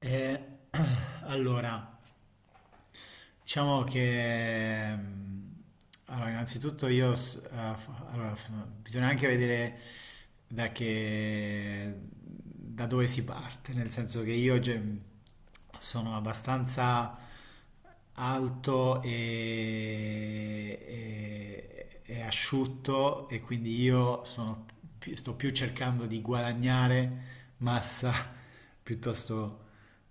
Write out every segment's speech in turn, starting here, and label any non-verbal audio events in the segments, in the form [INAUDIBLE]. Eh, [CLEARS THROAT] allora, diciamo che allora, innanzitutto io s- f- allora, f- bisogna anche vedere da che da dove si parte, nel senso che sono abbastanza alto e, e asciutto e quindi io sto più cercando di guadagnare massa [LAUGHS] piuttosto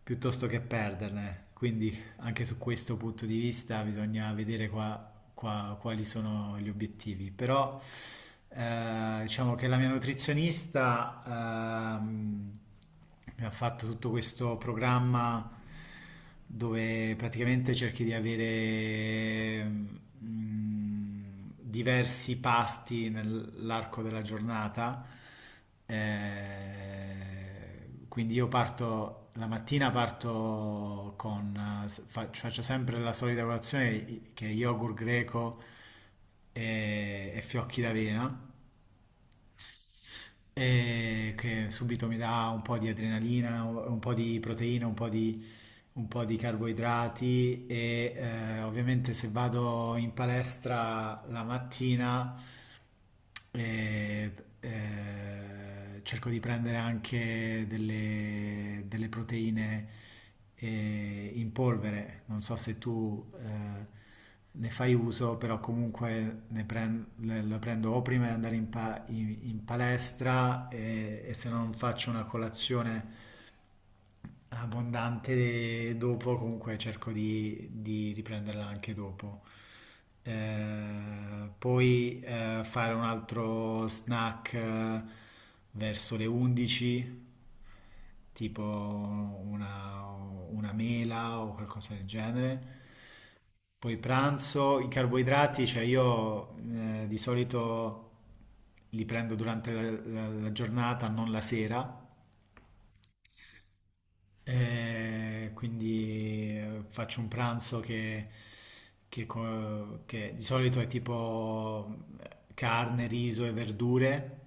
piuttosto che perderne. Quindi anche su questo punto di vista bisogna vedere quali sono gli obiettivi. Però diciamo che la mia nutrizionista ehm, mi ha fatto tutto questo programma dove praticamente cerchi di avere mm, diversi pasti nell'arco della giornata. Quindi la mattina parto con, faccio sempre la solita colazione che è yogurt greco e fiocchi d'avena, e che subito mi dà un po' di adrenalina, un po' di proteina, un po' di carboidrati e ovviamente se vado in palestra la mattina e, cerco di prendere anche delle proteine in polvere. Non so se tu ne fai uso, però comunque la prendo o prima di andare in palestra e se non faccio una colazione abbondante dopo, comunque cerco di riprenderla anche dopo. Poi fare un altro snack verso le 11, tipo una mela o qualcosa del genere. Poi pranzo, i carboidrati, cioè io di solito li prendo durante la giornata, non la sera, quindi faccio un pranzo che di solito è tipo eh, carne, riso e verdure,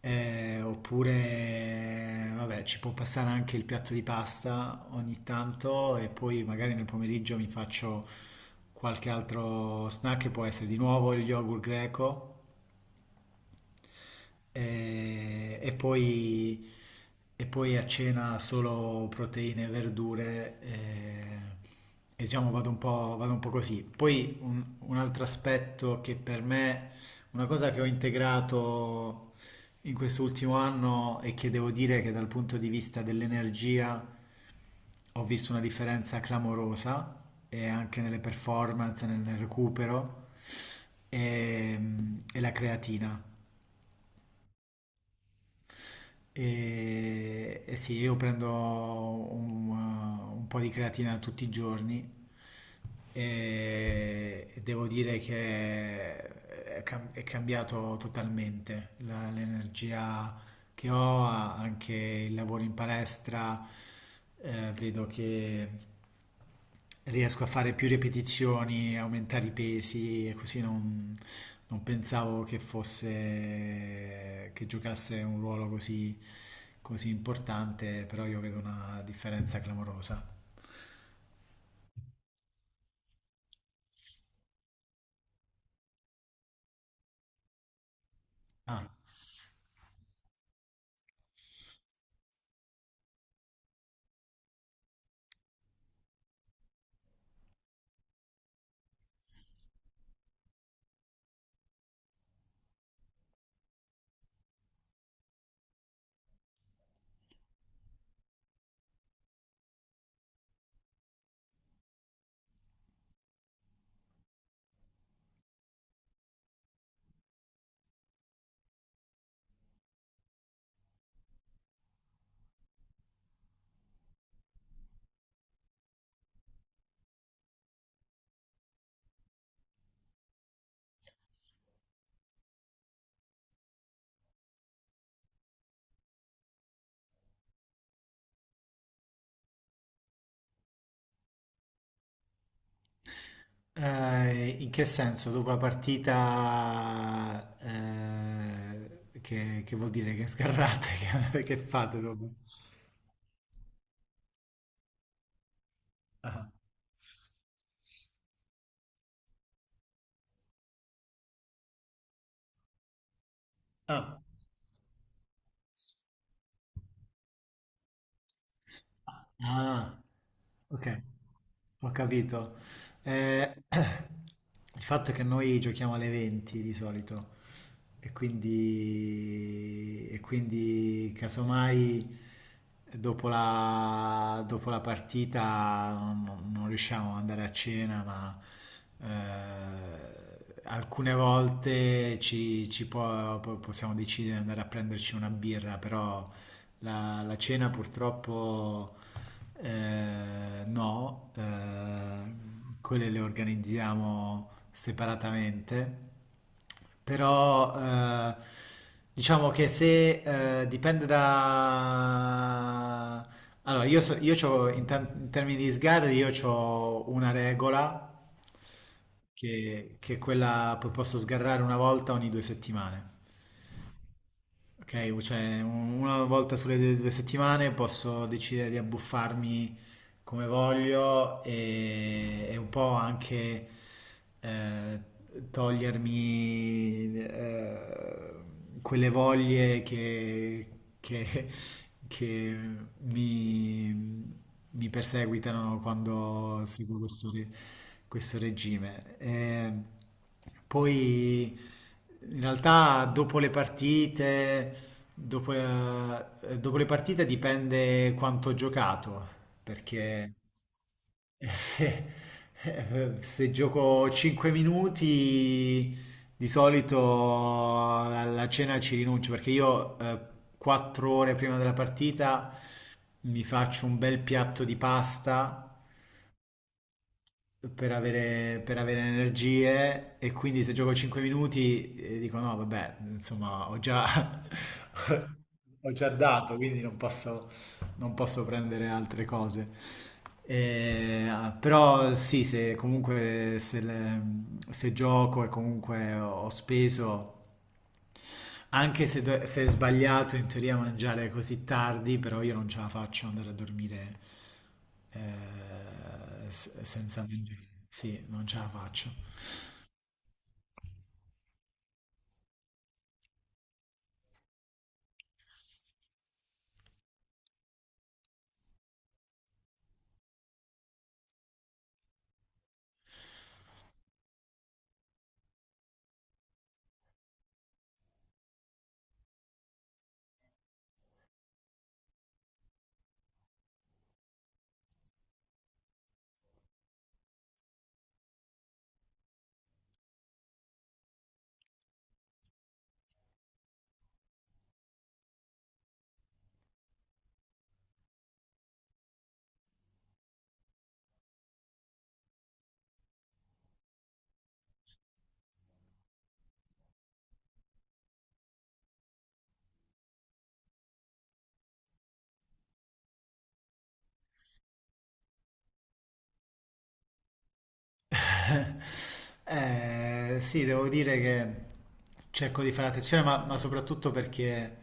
oppure vabbè, ci può passare anche il piatto di pasta ogni tanto e poi magari nel pomeriggio mi faccio qualche altro snack che può essere di nuovo il yogurt greco. E, e poi, e poi a cena solo proteine e verdure e diciamo vado un po', così. Poi un altro aspetto che per me, una cosa che ho integrato in quest'ultimo anno e che devo dire che dal punto di vista dell'energia ho visto una differenza clamorosa e anche nelle performance, nel recupero, e, e la creatina. E sì, io prendo un po' di creatina tutti i giorni e devo dire che è cambiato totalmente l'energia che ho, anche il lavoro in palestra, vedo che riesco a fare più ripetizioni, aumentare i pesi e così non pensavo che fosse che giocasse un ruolo così, così importante, però io vedo una differenza clamorosa. Ah, in che senso? Dopo la partita, che vuol dire che sgarrate, [LAUGHS] che fate dopo? Ah, ah. Ah, ok, ho capito. Eh, [CLEARS THROAT] il fatto è che noi giochiamo alle 20 di solito e quindi casomai dopo la partita non riusciamo ad andare a cena, ma alcune volte possiamo decidere di andare a prenderci una birra, però la cena purtroppo no, quelle le organizziamo separatamente, però diciamo che se dipende da... Allora, io, so- io c'ho- in, tem- in termini di sgarri, io ho una regola che è quella, poi posso sgarrare una volta ogni 2 settimane. Ok, cioè una volta sulle 2 settimane posso decidere di abbuffarmi come voglio e un po' anche eh, togliermi quelle voglie che- che mi, mi perseguitano quando seguo questo regime. Poi in realtà dopo le partite dipende quanto ho giocato perché eh, [LAUGHS] se, se gioco 5 minuti di solito alla cena ci rinuncio perché io 4 ore prima della partita mi faccio un bel piatto di pasta per avere energie e quindi se gioco 5 minuti dico no, vabbè, insomma, [LAUGHS] ho già dato, quindi non posso prendere altre cose. Eh, però sì, se comunque se gioco e comunque ho speso anche se è sbagliato in teoria mangiare così tardi, però io non ce la faccio andare a dormire senza mangiare. Sì, non ce la faccio. [LAUGHS] Sì, devo dire che cerco di fare attenzione, ma soprattutto perché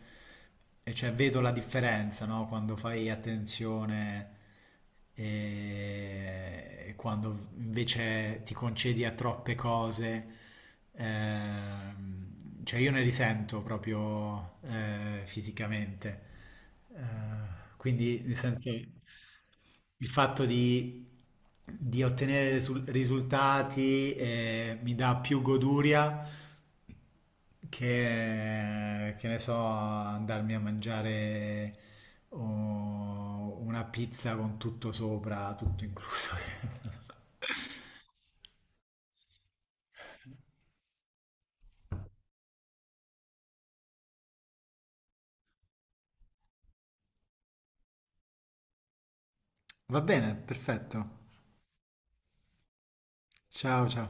cioè, vedo la differenza, no? Quando fai attenzione e quando invece ti concedi a troppe cose. Cioè, io ne risento proprio fisicamente. Quindi, nel senso, il fatto di ottenere risultati mi dà più goduria che ne so, andarmi a mangiare oh, una pizza con tutto sopra, tutto incluso. [LAUGHS] Va bene, perfetto. Ciao, ciao.